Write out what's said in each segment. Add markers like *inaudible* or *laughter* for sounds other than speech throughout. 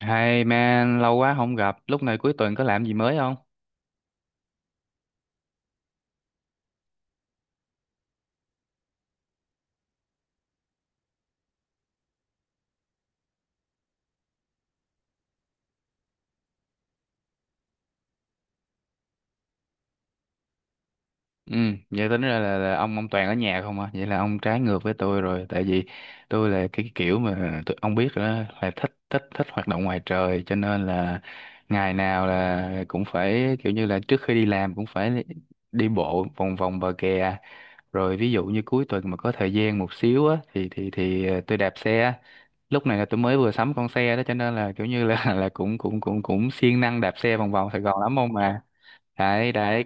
Hey man, lâu quá không gặp, lúc này cuối tuần có làm gì mới không? Ừ, vậy tính ra là ông Toàn ở nhà không à? Vậy là ông trái ngược với tôi rồi, tại vì tôi là cái kiểu mà tôi, ông biết rồi đó, là thích thích thích hoạt động ngoài trời, cho nên là ngày nào là cũng phải kiểu như là trước khi đi làm cũng phải đi bộ vòng vòng bờ kè. Rồi ví dụ như cuối tuần mà có thời gian một xíu á thì tôi đạp xe, lúc này là tôi mới vừa sắm con xe đó cho nên là kiểu như là *laughs* là cũng cũng cũng cũng siêng năng đạp xe vòng vòng Sài Gòn lắm ông mà. Đấy, đấy,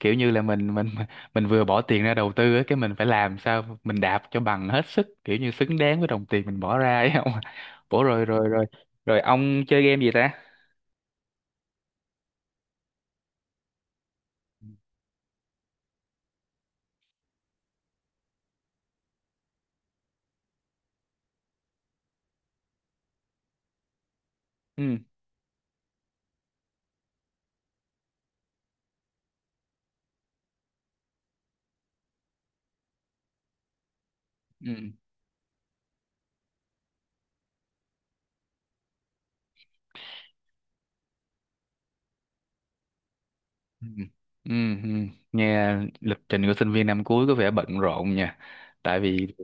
kiểu như là mình *laughs* mình vừa bỏ tiền ra đầu tư á, cái mình phải làm sao mình đạp cho bằng hết sức, kiểu như xứng đáng với đồng tiền mình bỏ ra ấy không bổ. *laughs* rồi rồi rồi rồi ông chơi game gì ta? Ừ, ừ, ừ, ừ, ừ. Nghe lịch trình của sinh viên năm cuối có vẻ bận rộn nha, tại vì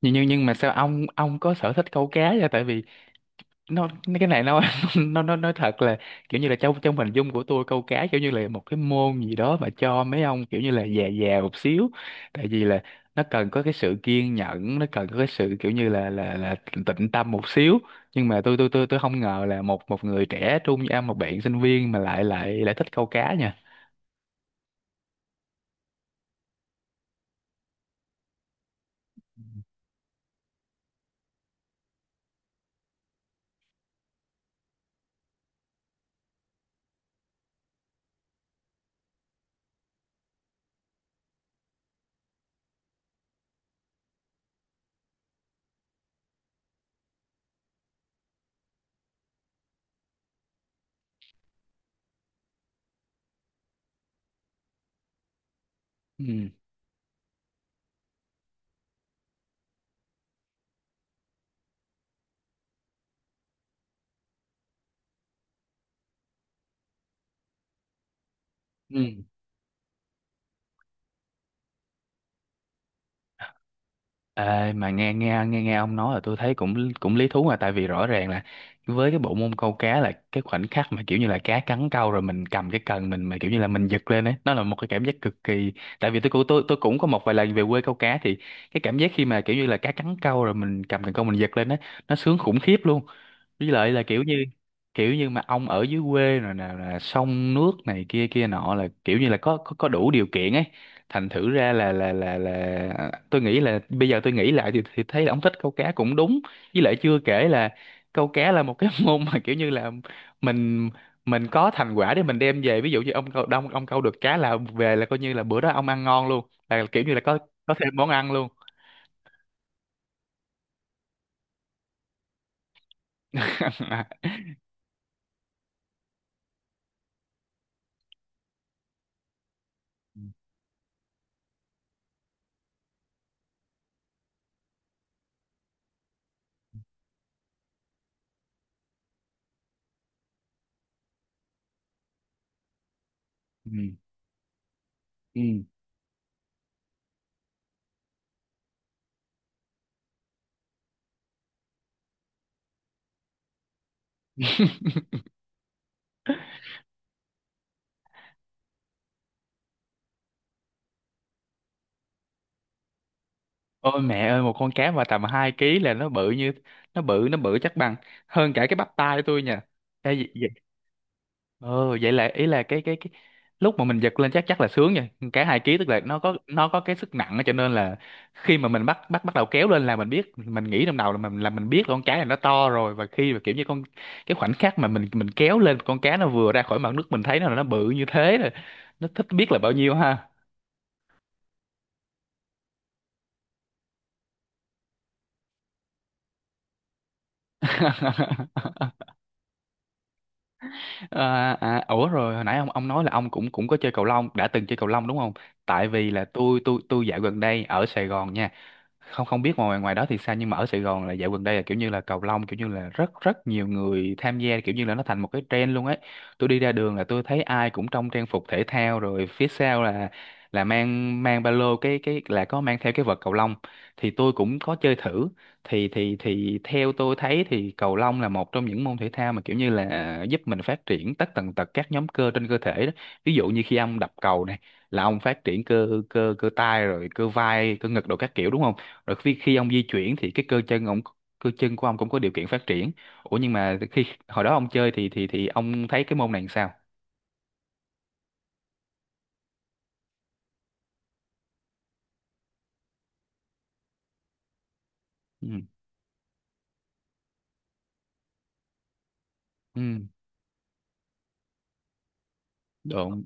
nhưng mà sao ông có sở thích câu cá vậy? Tại vì nó, cái này nó *laughs* nó nói thật là kiểu như là trong trong hình dung của tôi câu cá kiểu như là một cái môn gì đó mà cho mấy ông kiểu như là già già một xíu, tại vì là nó cần có cái sự kiên nhẫn, nó cần có cái sự kiểu như là tịnh tâm một xíu, nhưng mà tôi không ngờ là một một người trẻ trung như em, một bạn sinh viên mà lại lại lại thích câu cá nha. Ừ, ừ. Ê, mà nghe nghe nghe nghe ông nói là tôi thấy cũng cũng lý thú, mà tại vì rõ ràng là với cái bộ môn câu cá là cái khoảnh khắc mà kiểu như là cá cắn câu rồi mình cầm cái cần mình, mà kiểu như là mình giật lên ấy, nó là một cái cảm giác cực kỳ. Tại vì tôi cũng tôi cũng có một vài lần về quê câu cá thì cái cảm giác khi mà kiểu như là cá cắn câu rồi mình cầm cần câu mình giật lên ấy, nó sướng khủng khiếp luôn. Với lại là kiểu như, kiểu như mà ông ở dưới quê rồi nè, là sông nước này kia kia nọ, là kiểu như là có đủ điều kiện ấy, thành thử ra là à, tôi nghĩ là bây giờ tôi nghĩ lại thì thấy là ông thích câu cá cũng đúng. Với lại chưa kể là câu cá là một cái *laughs* môn mà kiểu như là mình mình có thành quả để mình đem về, ví dụ như ông câu đông ông câu được cá là về là coi như là bữa đó ông ăn ngon luôn, là kiểu như là có thêm món ăn luôn. *laughs* Ừ. Ừ. Ôi mẹ ơi, một con cá mà tầm 2 ký là nó bự như, nó bự, nó bự chắc bằng hơn cả cái bắp tay tôi nha. Ê, vậy, vậy. Ờ vậy là ý là cái lúc mà mình giật lên chắc chắc là sướng rồi. Con cá 2 kg tức là nó có, nó có cái sức nặng á, cho nên là khi mà mình bắt bắt bắt đầu kéo lên là mình biết, mình nghĩ trong đầu là mình, là mình biết là con cá này nó to rồi, và khi mà kiểu như con, cái khoảnh khắc mà mình kéo lên con cá nó vừa ra khỏi mặt nước mình thấy nó là nó bự như thế rồi. Nó thích biết là bao nhiêu ha. À, à, ủa rồi hồi nãy ông nói là ông cũng cũng có chơi cầu lông, đã từng chơi cầu lông đúng không? Tại vì là tôi dạo gần đây ở Sài Gòn nha, không không biết ngoài ngoài đó thì sao, nhưng mà ở Sài Gòn là dạo gần đây là kiểu như là cầu lông kiểu như là rất rất nhiều người tham gia, kiểu như là nó thành một cái trend luôn ấy. Tôi đi ra đường là tôi thấy ai cũng trong trang phục thể thao, rồi phía sau là mang mang ba lô, cái là có mang theo cái vợt cầu lông. Thì tôi cũng có chơi thử, thì thì theo tôi thấy thì cầu lông là một trong những môn thể thao mà kiểu như là giúp mình phát triển tất tần tật các nhóm cơ trên cơ thể đó. Ví dụ như khi ông đập cầu này, là ông phát triển cơ cơ cơ tay rồi cơ vai, cơ ngực đồ các kiểu đúng không, rồi khi khi ông di chuyển thì cái cơ chân ông, cơ chân của ông cũng có điều kiện phát triển. Ủa nhưng mà khi hồi đó ông chơi thì ông thấy cái môn này làm sao? Ừ, ừ, đúng,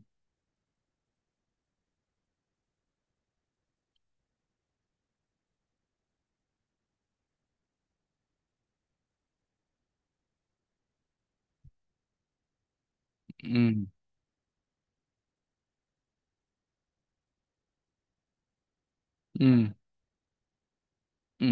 ừ, ừ, ừ.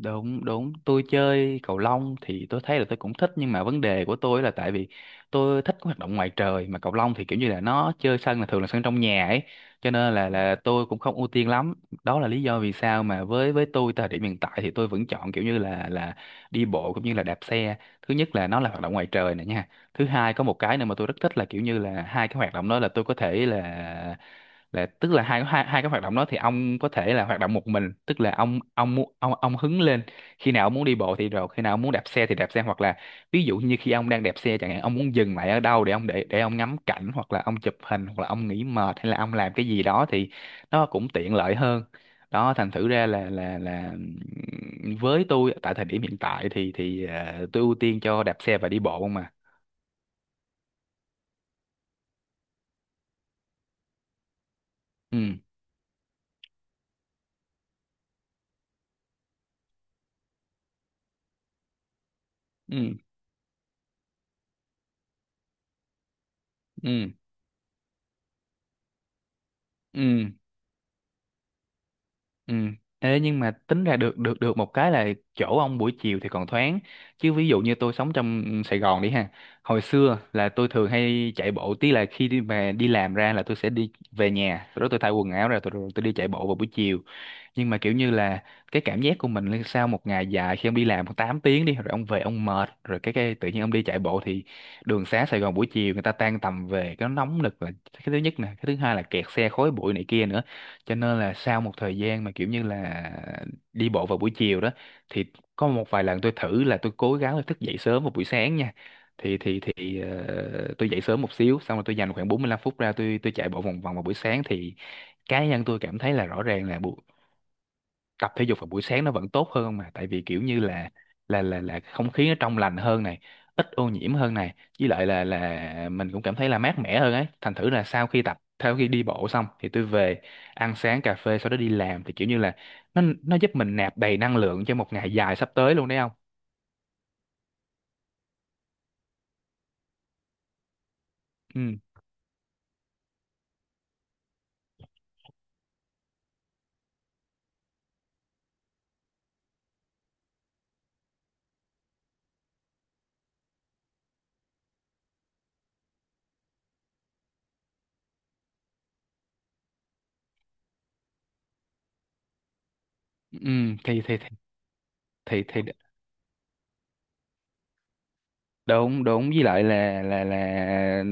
Đúng, đúng. Tôi chơi cầu lông thì tôi thấy là tôi cũng thích, nhưng mà vấn đề của tôi là tại vì tôi thích hoạt động ngoài trời mà cầu lông thì kiểu như là nó chơi sân là thường là sân trong nhà ấy, cho nên là tôi cũng không ưu tiên lắm. Đó là lý do vì sao mà với tôi thời điểm hiện tại thì tôi vẫn chọn kiểu như là đi bộ cũng như là đạp xe. Thứ nhất là nó là hoạt động ngoài trời nè nha. Thứ hai có một cái nữa mà tôi rất thích là kiểu như là hai cái hoạt động đó là tôi có thể là, tức là hai hai hai cái hoạt động đó thì ông có thể là hoạt động một mình, tức là ông mu- ông hứng lên khi nào ông muốn đi bộ thì, rồi khi nào ông muốn đạp xe thì đạp xe, hoặc là ví dụ như khi ông đang đạp xe chẳng hạn, ông muốn dừng lại ở đâu để ông, để ông ngắm cảnh hoặc là ông chụp hình hoặc là ông nghỉ mệt hay là ông làm cái gì đó thì nó cũng tiện lợi hơn. Đó, thành thử ra là với tôi tại thời điểm hiện tại thì thì tôi ưu tiên cho đạp xe và đi bộ không mà. Ừ, ừ, ừ, ừ, ừ. Ê, nhưng mà tính ra được được được một cái là chỗ ông buổi chiều thì còn thoáng, chứ ví dụ như tôi sống trong Sài Gòn đi ha, hồi xưa là tôi thường hay chạy bộ tí là khi đi về đi làm ra là tôi sẽ đi về nhà, sau đó tôi thay quần áo ra tôi, rồi tôi đi chạy bộ vào buổi chiều. Nhưng mà kiểu như là cái cảm giác của mình là sau một ngày dài khi ông đi làm 8 tiếng đi rồi ông về ông mệt rồi, cái tự nhiên ông đi chạy bộ thì đường xá Sài Gòn buổi chiều người ta tan tầm về, cái nóng nực là cái thứ nhất nè, cái thứ hai là kẹt xe, khói bụi này kia nữa. Cho nên là sau một thời gian mà kiểu như là đi bộ vào buổi chiều đó thì có một vài lần tôi thử là tôi cố gắng là thức dậy sớm vào buổi sáng nha, thì tôi dậy sớm một xíu xong rồi tôi dành khoảng 45 phút ra tôi chạy bộ vòng vòng vào buổi sáng thì cá nhân tôi cảm thấy là rõ ràng là bu-, tập thể dục vào buổi sáng nó vẫn tốt hơn không mà, tại vì kiểu như là là không khí nó trong lành hơn này, ít ô nhiễm hơn này, với lại là mình cũng cảm thấy là mát mẻ hơn ấy, thành thử là sau khi tập, sau khi đi bộ xong thì tôi về ăn sáng cà phê sau đó đi làm thì kiểu như là nó giúp mình nạp đầy năng lượng cho một ngày dài sắp tới luôn đấy không. Ừ, ừ, thì thì thì thì đúng, đúng, với lại là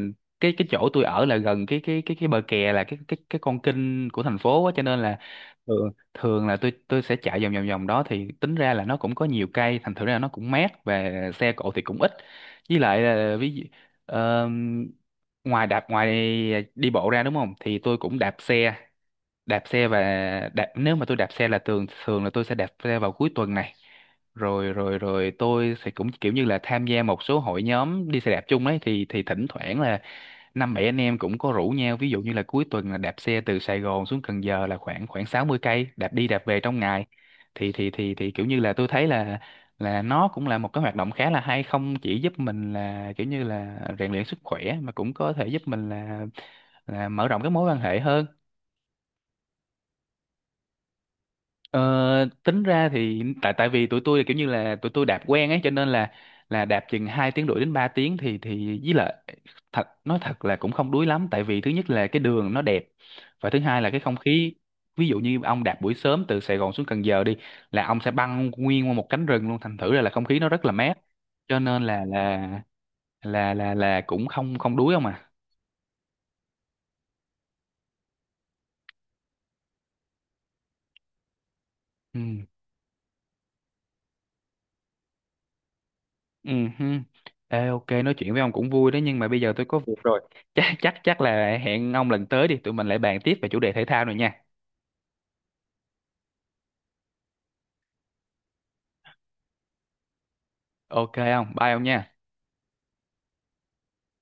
cái chỗ tôi ở là gần cái bờ kè, là cái con kênh của thành phố á, cho nên là thường thường là tôi sẽ chạy vòng vòng vòng đó thì tính ra là nó cũng có nhiều cây, thành thử ra nó cũng mát và xe cộ thì cũng ít. Với lại là ví dụ ờ, ngoài đạp, ngoài đi bộ ra đúng không thì tôi cũng đạp xe, đạp xe và đạp, nếu mà tôi đạp xe là thường thường là tôi sẽ đạp xe vào cuối tuần này, rồi rồi rồi tôi sẽ cũng kiểu như là tham gia một số hội nhóm đi xe đạp chung ấy, thì thỉnh thoảng là năm bảy anh em cũng có rủ nhau, ví dụ như là cuối tuần là đạp xe từ Sài Gòn xuống Cần Giờ là khoảng khoảng 60 cây đạp đi đạp về trong ngày, thì kiểu như là tôi thấy là nó cũng là một cái hoạt động khá là hay, không chỉ giúp mình là kiểu như là rèn luyện sức khỏe mà cũng có thể giúp mình là mở rộng cái mối quan hệ hơn. Ờ, tính ra thì tại tại vì tụi tôi là kiểu như là tụi tôi đạp quen ấy cho nên là đạp chừng 2 tiếng rưỡi đến 3 tiếng thì với lại thật nói thật là cũng không đuối lắm, tại vì thứ nhất là cái đường nó đẹp và thứ hai là cái không khí, ví dụ như ông đạp buổi sớm từ Sài Gòn xuống Cần Giờ đi là ông sẽ băng nguyên qua một cánh rừng luôn, thành thử ra là không khí nó rất là mát, cho nên là là cũng không không đuối ông à. Ừ. Ừ, hừ. Ê, ok nói chuyện với ông cũng vui đó nhưng mà bây giờ tôi có việc rồi, chắc chắc chắc là hẹn ông lần tới đi tụi mình lại bàn tiếp về chủ đề thể thao này nha. Ok ông bye ông nha.